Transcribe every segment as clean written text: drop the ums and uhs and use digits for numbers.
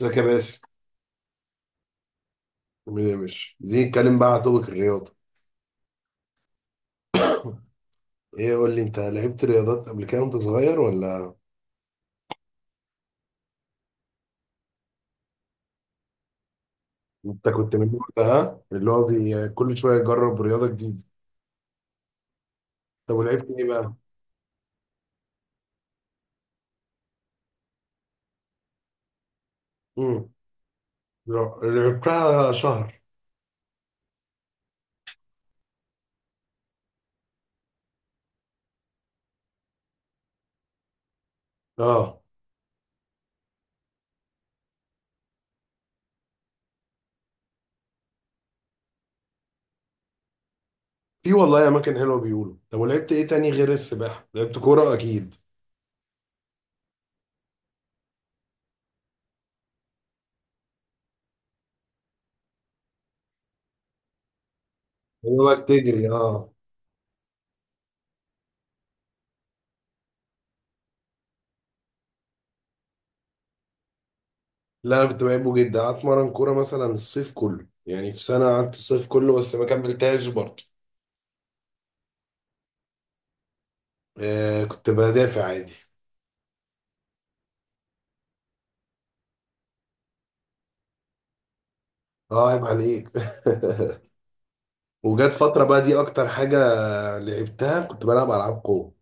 ازيك يا باشا. عامل ايه يا باشا، عايزين نتكلم بقى على توبك الرياضه. ايه، قول لي، انت لعبت رياضات قبل كده وانت صغير ولا انت كنت من النوع ده؟ ها؟ اللي هو كل شويه يجرب رياضه جديده. طب ولعبت ايه بقى؟ امم لا، لعبتها شهر. اه في والله اماكن حلوه بيقولوا. طب ولعبت ايه تاني غير السباحه؟ لعبت كوره اكيد. هو بقى تجري اه؟ لا انا كنت بحبه جدا، قعدت اتمرن كوره مثلا الصيف كله، يعني في سنه قعدت الصيف كله بس ما كملتهاش برضه. كنت بدافع عادي. اه عيب عليك. وجت فترة بقى دي أكتر حاجة لعبتها، كنت بلعب ألعاب قوة.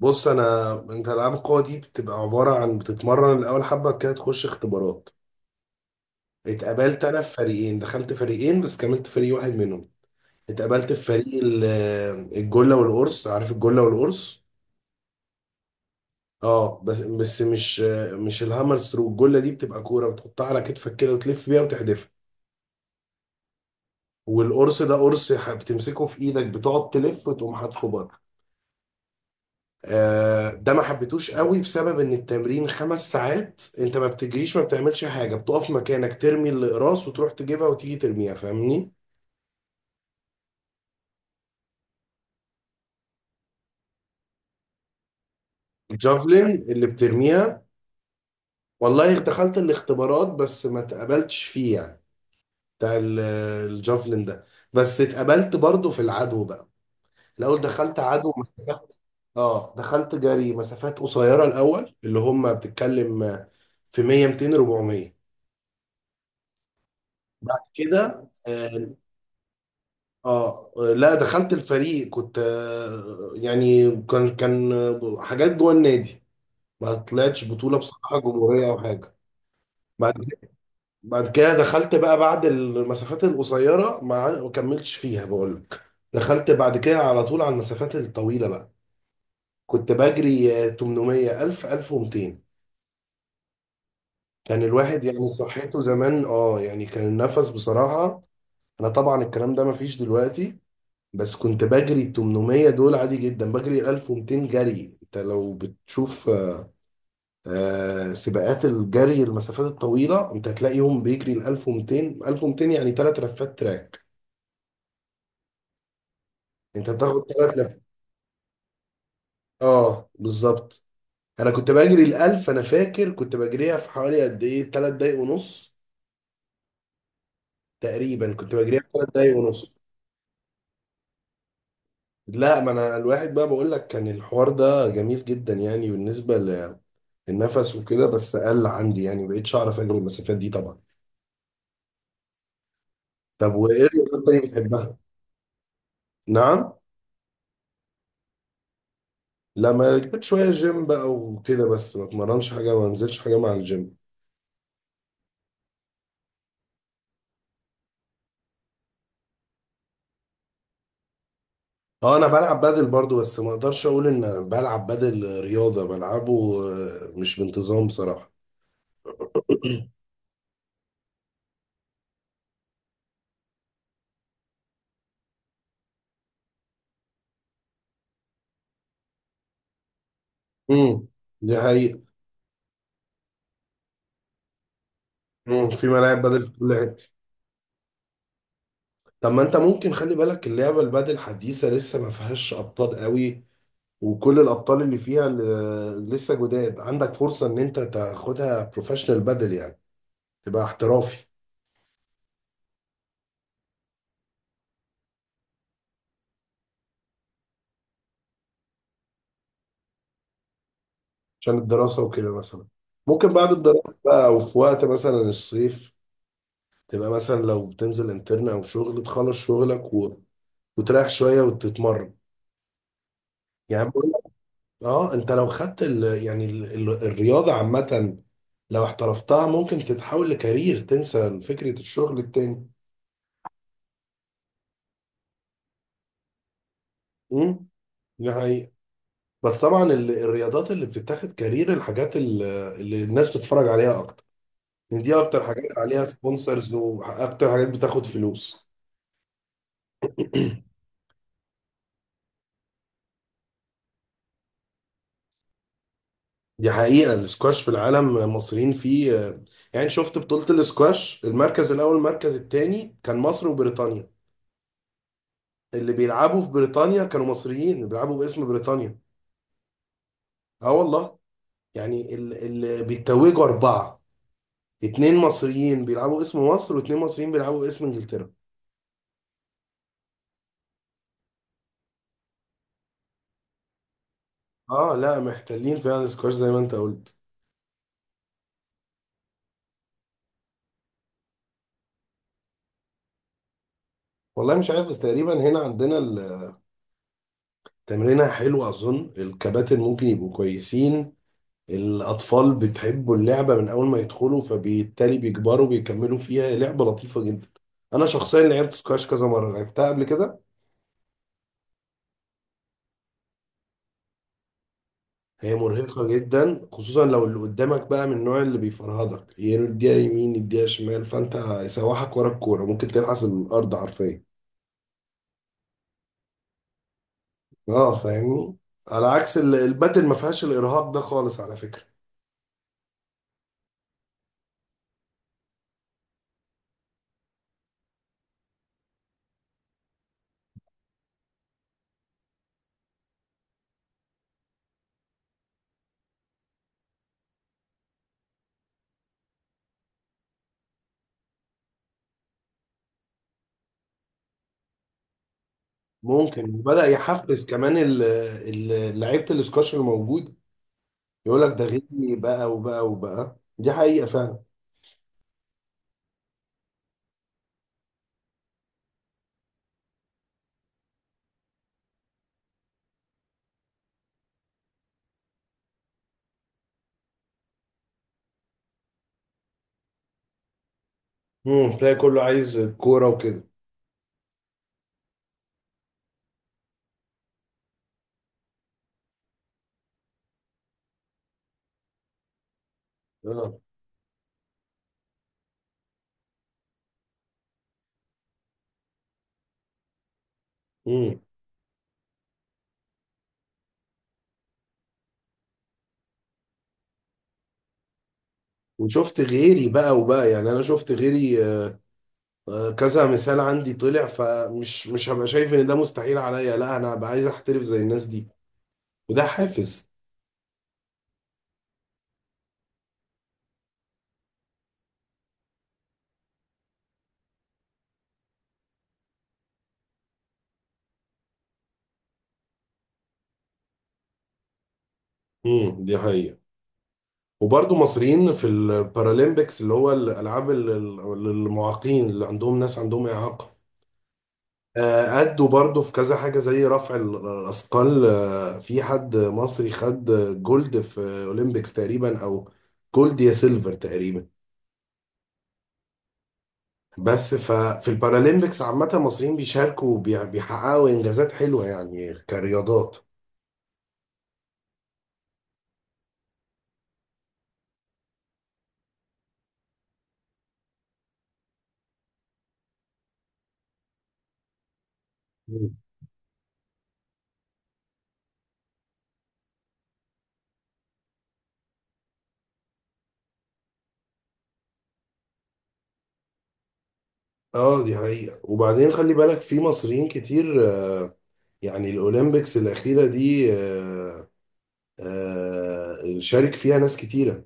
بص أنا، أنت ألعاب القوة دي بتبقى عبارة عن بتتمرن الأول حبة كده، تخش اختبارات. اتقبلت أنا في فريقين، دخلت فريقين بس كملت فريق واحد منهم. اتقبلت في فريق الجلة والقرص، عارف الجلة والقرص؟ اه بس مش الهامر ثرو. الجلة دي بتبقى كورة بتحطها على كتفك كده وتلف بيها وتحدفها، والقرص ده قرص بتمسكه في ايدك، بتقعد تلف وتقوم حاطه بره. ده ما حبيتوش قوي بسبب ان التمرين خمس ساعات، انت ما بتجريش، ما بتعملش حاجه، بتقف مكانك ترمي الاقراص وتروح تجيبها وتيجي ترميها، فاهمني. الجافلين اللي بترميها، والله دخلت الاختبارات بس ما اتقبلتش فيه، يعني بتاع ال- الجافلين ده. بس اتقبلت برضه في العدو بقى. الاول دخلت عدو مسافات. اه دخلت جري مسافات قصيره الاول، اللي هم بتتكلم في 100 200 400. بعد كده اه لا، دخلت الفريق، كنت يعني كان حاجات جوه النادي، ما طلعتش بطولة بصراحة جمهورية او حاجة. بعد كده، بعد كده دخلت بقى، بعد المسافات القصيرة ما كملتش فيها بقول لك، دخلت بعد كده على طول على المسافات الطويلة بقى. كنت بجري 800 1000 1200. كان الواحد يعني صحته زمان اه، يعني كان النفس بصراحة. انا طبعا الكلام ده ما فيش دلوقتي، بس كنت بجري ال 800 دول عادي جدا، بجري 1200 جري. انت لو بتشوف سباقات الجري المسافات الطويله، انت هتلاقيهم بيجري ال 1200 يعني ثلاث لفات تراك، انت بتاخد ثلاث لفات. اه بالظبط. انا كنت بجري ال 1000، انا فاكر كنت بجريها في حوالي قد ايه، ثلاث دقايق ونص، تقريبا كنت بجريها في ثلاث دقايق ونص. لا، ما انا الواحد بقى بقول لك، كان الحوار ده جميل جدا يعني بالنسبه للنفس وكده، بس قل عندي يعني، مبقتش اعرف اجري المسافات دي طبعا. طب وايه الرياضات تاني بتحبها؟ نعم؟ لا ما كنت شوية جيم بقى وكده، بس ما اتمرنش حاجة، ما انزلش حاجة مع الجيم. اه انا بلعب بادل برضو، بس ما اقدرش اقول ان أنا بلعب بادل رياضة، بلعبه مش بانتظام بصراحة. امم، دي حقيقة. امم، في ملاعب بادل في كل حتة. طب ما انت ممكن خلي بالك، اللعبة البادل حديثة لسه ما فيهاش ابطال قوي، وكل الابطال اللي فيها لسه جداد، عندك فرصة ان انت تاخدها بروفيشنال بادل، يعني تبقى احترافي. عشان الدراسة وكده مثلا. ممكن بعد الدراسة بقى، أو في وقت مثلا الصيف، تبقى مثلا لو بتنزل انترن أو شغل، تخلص شغلك وتريح شوية وتتمرن. يعني بقول لك، اه انت لو خدت ال... يعني ال... ال... الرياضة عامة، لو احترفتها ممكن تتحول لكارير، تنسى فكرة الشغل التاني. امم، دي حقيقة. بس طبعا الرياضات اللي بتتاخد كارير، اللي الناس بتتفرج عليها أكتر، يعني دي أكتر حاجات عليها سبونسرز وأكتر حاجات بتاخد فلوس. دي حقيقة، الاسكواش في العالم مصريين فيه. يعني شفت بطولة الاسكواش، المركز الأول المركز التاني كان مصر وبريطانيا. اللي بيلعبوا في بريطانيا كانوا مصريين، اللي بيلعبوا باسم بريطانيا. اه والله. يعني اللي بيتوجوا أربعة، اتنين مصريين بيلعبوا اسم مصر واتنين مصريين بيلعبوا اسم إنجلترا. اه لا محتلين فعلا الاسكواش زي ما انت قلت. والله مش عارف، بس تقريبا هنا عندنا التمرينة حلوة، أظن الكباتن ممكن يبقوا كويسين. الأطفال بتحبوا اللعبة من أول ما يدخلوا، فبالتالي بيكبروا بيكملوا فيها. لعبة لطيفة جدا، أنا شخصيا لعبت سكواش كذا مرة، لعبتها قبل كده. هي مرهقة جدا خصوصا لو اللي قدامك بقى من النوع اللي بيفرهدك، يديها يمين يديها شمال، فأنت يسوحك ورا الكورة، ممكن تلحس الأرض حرفيا. اه فاهمني. على عكس الباتل ما فيهاش الإرهاق ده خالص على فكرة. ممكن بدأ يحفز كمان لعيبة السكواش الموجود، يقول لك ده غني بقى وبقى. دي حقيقة فعلا. امم، تلاقي كله عايز كورة وكده. اه. امم. وشفت غيري بقى وبقى، يعني انا شفت غيري كذا مثال عندي طلع، فمش مش هبقى شايف ان ده مستحيل عليا، لا انا هبقى عايز احترف زي الناس دي، وده حافز. امم، دي حقيقة. وبرضه مصريين في البارالمبيكس، اللي هو الالعاب للمعاقين، اللي عندهم ناس عندهم اعاقة. أدوا برضه في كذا حاجة زي رفع الأثقال، في حد مصري خد جولد في أولمبيكس تقريبا، أو جولد يا سيلفر تقريبا. بس ففي البارالمبيكس عامة المصريين بيشاركوا بيحققوا إنجازات حلوة يعني كرياضات. مم. اه دي حقيقة، وبعدين خلي بالك في مصريين كتير، يعني الأولمبيكس الأخيرة دي شارك فيها ناس كتيرة،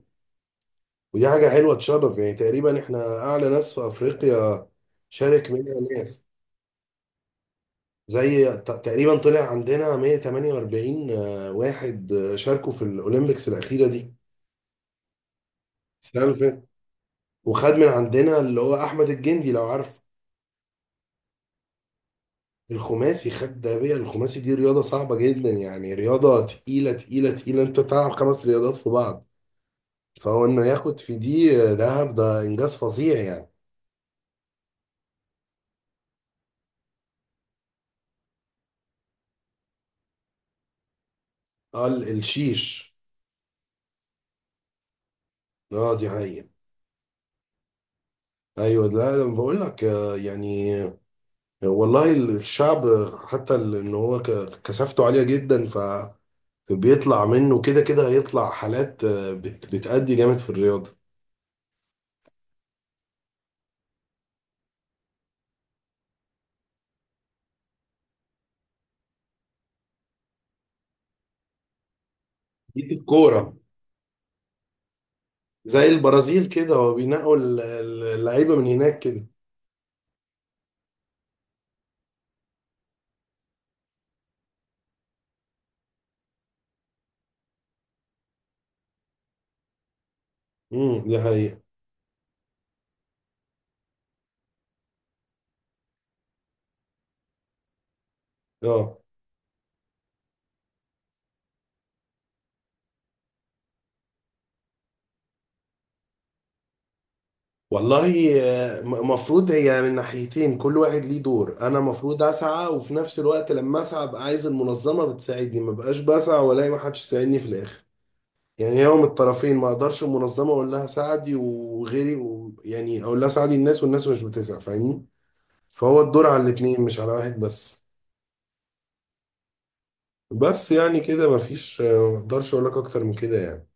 ودي حاجة حلوة تشرف. يعني تقريبا احنا أعلى ناس في أفريقيا شارك منها ناس، زي تقريبا طلع عندنا 148 واحد شاركوا في الأولمبيكس الأخيرة دي، السنة اللي فاتت. وخد من عندنا اللي هو أحمد الجندي لو عارف، الخماسي، خد دهبية الخماسي، دي رياضة صعبة جدا، يعني رياضة تقيلة تقيلة تقيلة، أنت بتلعب خمس رياضات في بعض، فهو إنه ياخد في دي ذهب ده إنجاز فظيع يعني. قال الشيش. اه دي حقيقة. ايوه لا انا بقول لك يعني والله الشعب، حتى ان هو كثافته عاليه جدا، فبيطلع منه كده كده، هيطلع حالات بتأدي جامد في الرياضه. دي في الكوره، زي البرازيل كده، هو بينقوا اللعيبه من هناك كده. دي حقيقه. اه والله، مفروض هي من ناحيتين، كل واحد ليه دور، انا مفروض اسعى، وفي نفس الوقت لما اسعى ابقى عايز المنظمه بتساعدني، ما بقاش بسعى والاقي ما حدش يساعدني في الاخر. يعني يوم الطرفين، ما اقدرش المنظمه اقول لها ساعدي يعني اقول لها ساعدي الناس والناس مش بتسع، فاهمني. فهو الدور على الاتنين مش على واحد بس. بس يعني كده مفيش ما اقدرش اقول لك اكتر من كده يعني.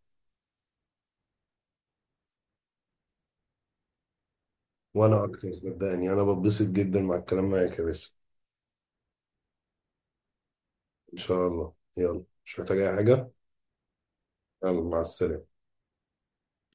وانا اكتر، صدقني انا بتبسط جدا مع الكلام معاك يا باشا. ان شاء الله، يلا مش محتاج اي حاجه. يلا مع السلامه.